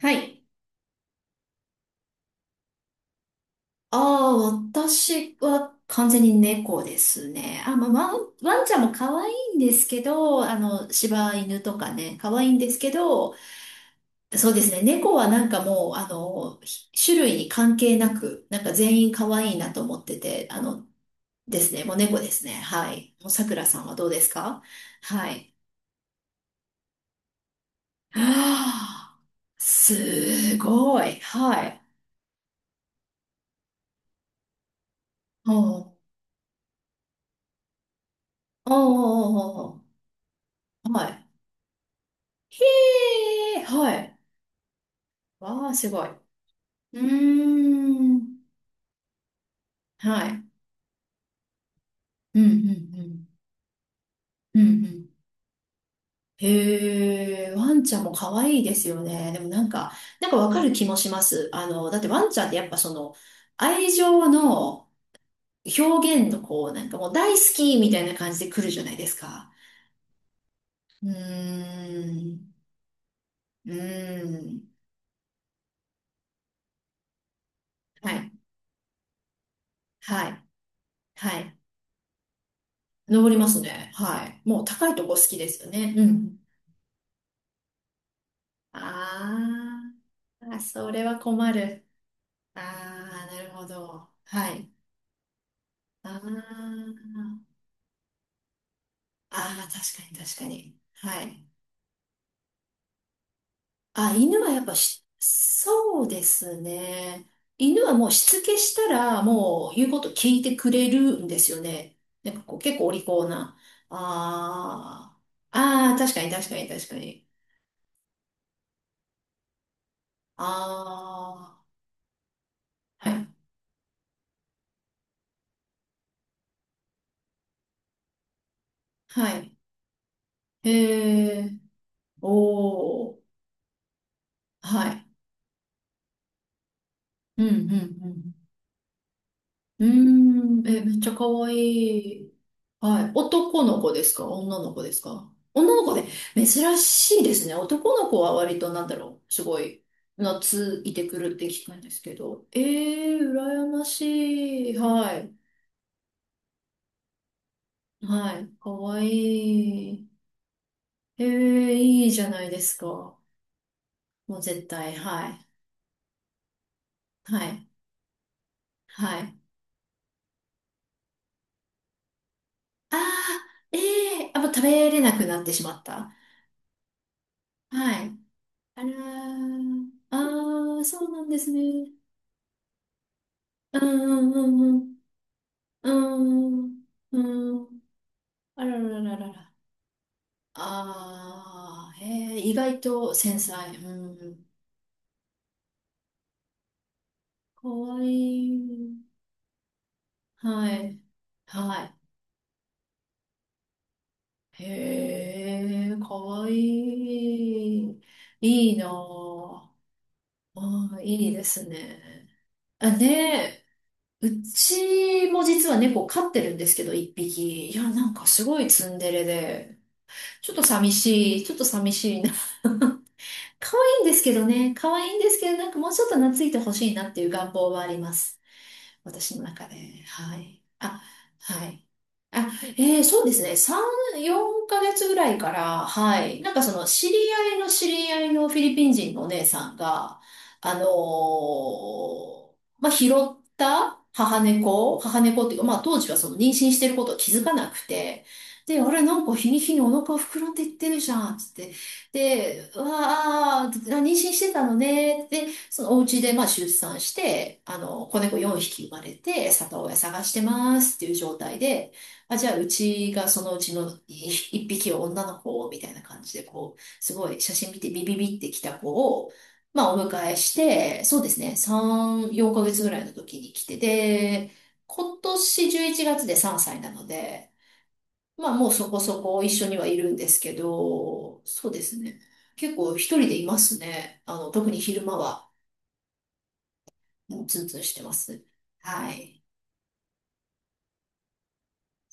はい。ああ、私は完全に猫ですね。あ、まあ、ワンちゃんも可愛いんですけど、あの、柴犬とかね、可愛いんですけど、そうですね、猫はなんかもう、あの、ひ種類に関係なく、なんか全員可愛いなと思ってて、あの、ですね、もう猫ですね。はい。もうさくらさんはどうですか？はい。はあ、すごい。はい。おうおうおうおうおうはい。へえ、はい。わあ、すごい。うーん。はい。うん、うん、うん。うん、うん。へえ、ワンちゃんも可愛いですよね。でもなんか、なんかわかる気もします。あの、だってワンちゃんってやっぱその、愛情の表現のこう、なんかもう大好きみたいな感じで来るじゃないですか。うーん。うーん。はい。はい。はい。登りますね。はい。もう高いとこ好きですよね。うん。ああ、それは困る。ああ、なるほど。はい。あーあー、確かに確かに。はい。あ、犬はやっぱし、そうですね。犬はもうしつけしたら、もう言うこと聞いてくれるんですよね。なんかこう結構お利口な。ああ、ああ、確かに確かに確かに。ああ、はい。はい。へえ、おー、はい。うんうんうんうーん、え、めっちゃ可愛い。はい。男の子ですか？女の子ですか？女の子で珍しいですね。男の子は割となんだろう。すごい、懐いてくるって聞くんですけど。えー、羨ましい。はい。はい。可愛い。えー、いいじゃないですか。もう絶対、はい。はい。はい。あー、ええー、あ、もう食べれなくなってしまった。はい。あらー、あー、そうなんですね。うんうんうんうん。うんうん。あらららららら。ああ、へえ、意外と繊細。うん。かわいい。はい。はい。へえ、かわいい。いいなあ。ああいいですね。あ、ねえ。うちも実は猫飼ってるんですけど、一匹。いや、なんかすごいツンデレで。ちょっと寂しい、ちょっと寂しいな。可愛いんですけどね、可愛いんですけど、なんかもうちょっと懐いてほしいなっていう願望はあります。私の中で。はい。あ、はい。あ、そうですね。3、4ヶ月ぐらいから、はい。なんかその、知り合いのフィリピン人のお姉さんが、あのーまあ、拾った母猫っていうか、まあ、当時はその妊娠してることを気づかなくて、で、あれ、なんか日に日にお腹膨らんでいってるじゃん、つって。で、うわあ、妊娠してたのね。で、そのお家でまあ出産して、あの、子猫4匹生まれて、里親探してますっていう状態で、あ、じゃあうちがそのうちの1匹を女の子をみたいな感じで、こう、すごい写真見てビビビってきた子を、まあお迎えして、そうですね、3、4ヶ月ぐらいの時に来て、で、今年11月で3歳なので、まあもうそこそこ一緒にはいるんですけど、そうですね。結構一人でいますね。あの、特に昼間は。もうツンツンしてます。はい。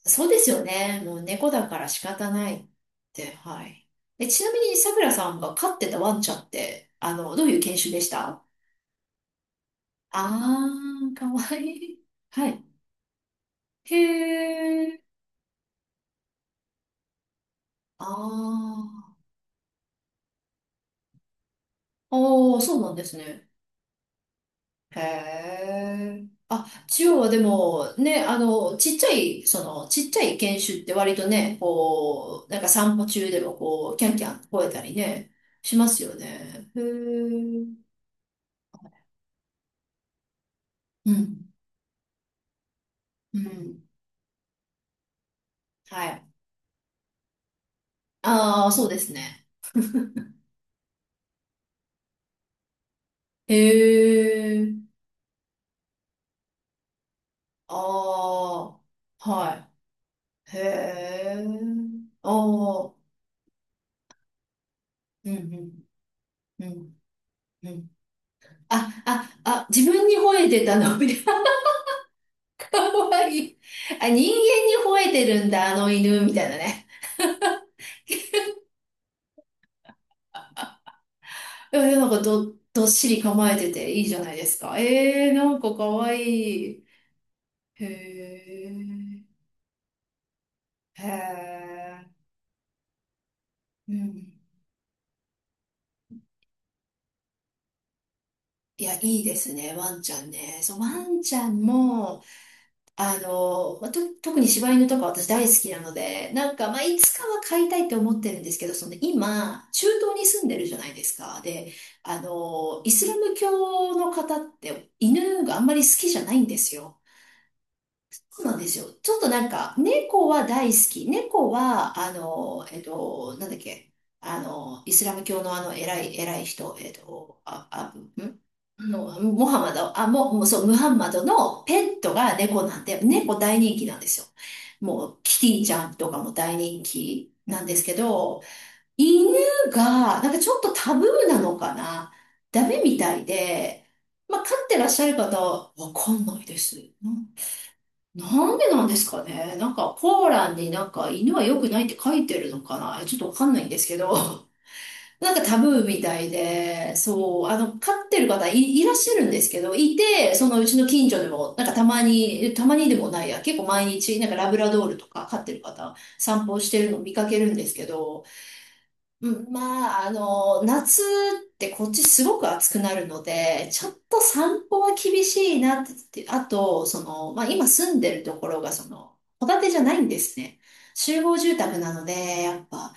そうですよね。もう猫だから仕方ないって。はい。え、ちなみに、さくらさんが飼ってたワンちゃんって、あの、どういう犬種でした？あー、かわいい。はい。へー。あー。あー、そうなんですね。へえ。あ、中央はでも、ね、あの、ちっちゃい、その、ちっちゃい犬種って割とね、こう、なんか散歩中でもこう、キャンキャン吠えたりね、しますよね。へえ。うん、うん、はい。ああ、そうですね。へえ。ああ、はい。へえ。ああ、うん、うん、うん、うん。あ、あ、あ、自分に吠えてたの、みたいな。かわいい。あ、人間に吠えてるんだ、あの犬、みたいなね。いや、なんかど、どっしり構えてていいじゃないですか。えー、なんかかわいい。へえ、へえ、うん。いや、いいですね、ワンちゃんね。そう、ワンちゃんも、あの、まあと、特に柴犬とか私大好きなので、なんか、まあ、いつかは飼いたいって思ってるんですけど、その今、中東に住んでるじゃないですか。で、あの、イスラム教の方って犬があんまり好きじゃないんですよ。そうなんですよ。ちょっとなんか、猫は大好き。猫は、あの、なんだっけ、あの、イスラム教のあの、偉い人、えっと、あ、あ、ん、あの、モハマド、あ、も、もうそう、ムハンマドのペットが猫なんで、猫大人気なんですよ。もう、キティちゃんとかも大人気なんですけど、犬が、なんかちょっとタブーなのかな？ダメみたいで、まあ、飼ってらっしゃる方、わかんないです。な、なんでなんですかね？なんか、コーランになんか犬は良くないって書いてるのかな？ちょっとわかんないんですけど。なんかタブーみたいで、そう、あの、飼ってる方い、いらっしゃるんですけど、いて、そのうちの近所でも、なんかたまに、たまにでもないや、結構毎日、なんかラブラドールとか飼ってる方、散歩してるの見かけるんですけど、うん、まあ、あの、夏ってこっちすごく暑くなるので、ちょっと散歩は厳しいなって、あと、その、まあ今住んでるところが、その、戸建てじゃないんですね。集合住宅なので、やっぱ、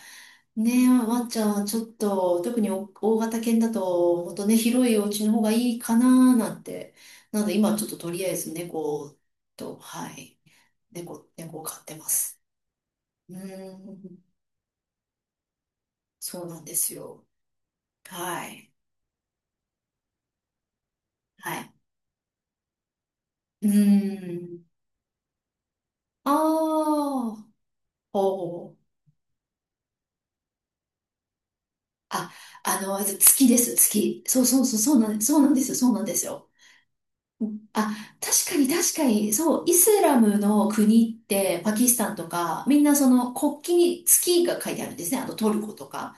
ねえ、ワンちゃん、ちょっと、特にお大型犬だと、もっとね、広いお家の方がいいかななんて。なので、今ちょっととりあえず猫と、はい、猫を飼ってます。うーん、そうなんですよ。はい。はい。うーん。ああ、ほう。あ、あの、月です、月。そうなんですよ、そうなんですよ。うん、あ、確かに確かに、そう、イスラムの国って、パキスタンとか、みんなその国旗に月が書いてあるんですね。あの、トルコとか、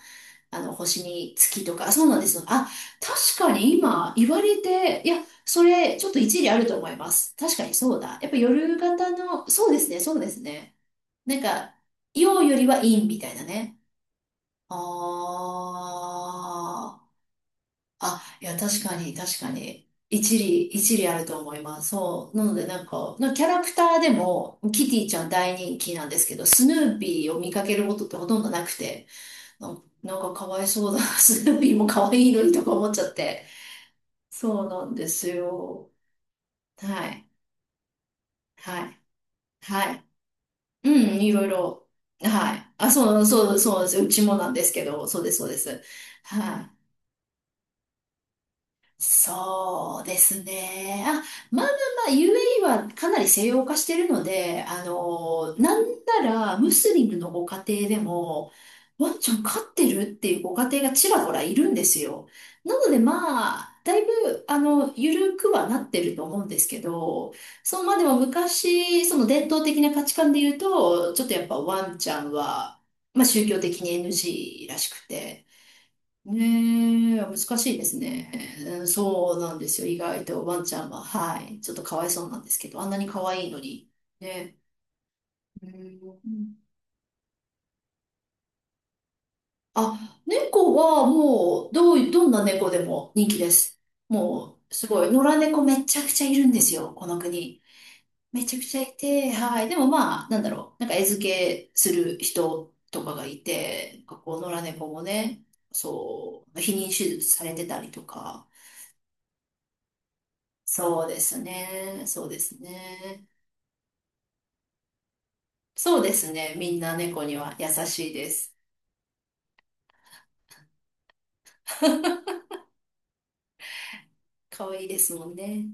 あの、星に月とか、そうなんですよ。あ、確かに今言われて、いや、それ、ちょっと一理あると思います。確かにそうだ。やっぱ夜型の、そうですね、そうですね。なんか、陽よりは陰みたいなね。ああ。あ、いや、確かに。一理あると思います。そう。なので、なんかキャラクターでも、キティちゃん大人気なんですけど、スヌーピーを見かけることってほとんどなくて、な、なんかかわいそうだな。スヌーピーも可愛いのにとか思っちゃって。そうなんですよ。はい。はい。はい。うん、いろいろ。はい。そうです。うちもなんですけど、そうです。はい。そうですね。あ、まあまあまあ、UAE はかなり西洋化してるので、あの、なんならムスリムのご家庭でも、ワンちゃん飼ってるっていうご家庭がちらほらいるんですよ。なのでまあ、だいぶ、あの、緩くはなってると思うんですけど、そう、まあでも昔、その伝統的な価値観で言うと、ちょっとやっぱワンちゃんは、まあ宗教的に NG らしくて、ねえ、難しいですね。うん、そうなんですよ。意外とワンちゃんは。はい。ちょっとかわいそうなんですけど、あんなに可愛いのに。ね。うん、あ、猫はもう、どうい、どんな猫でも人気です。もう、すごい。野良猫めちゃくちゃいるんですよ。この国。めちゃくちゃいて、はい。でもまあ、なんだろう。なんか餌付けする人とかがいて、なんかこう、野良猫もね、そう、避妊手術されてたりとか。そうですね。そうですね。そうですね。みんな猫には優しいです。可愛いですもんね。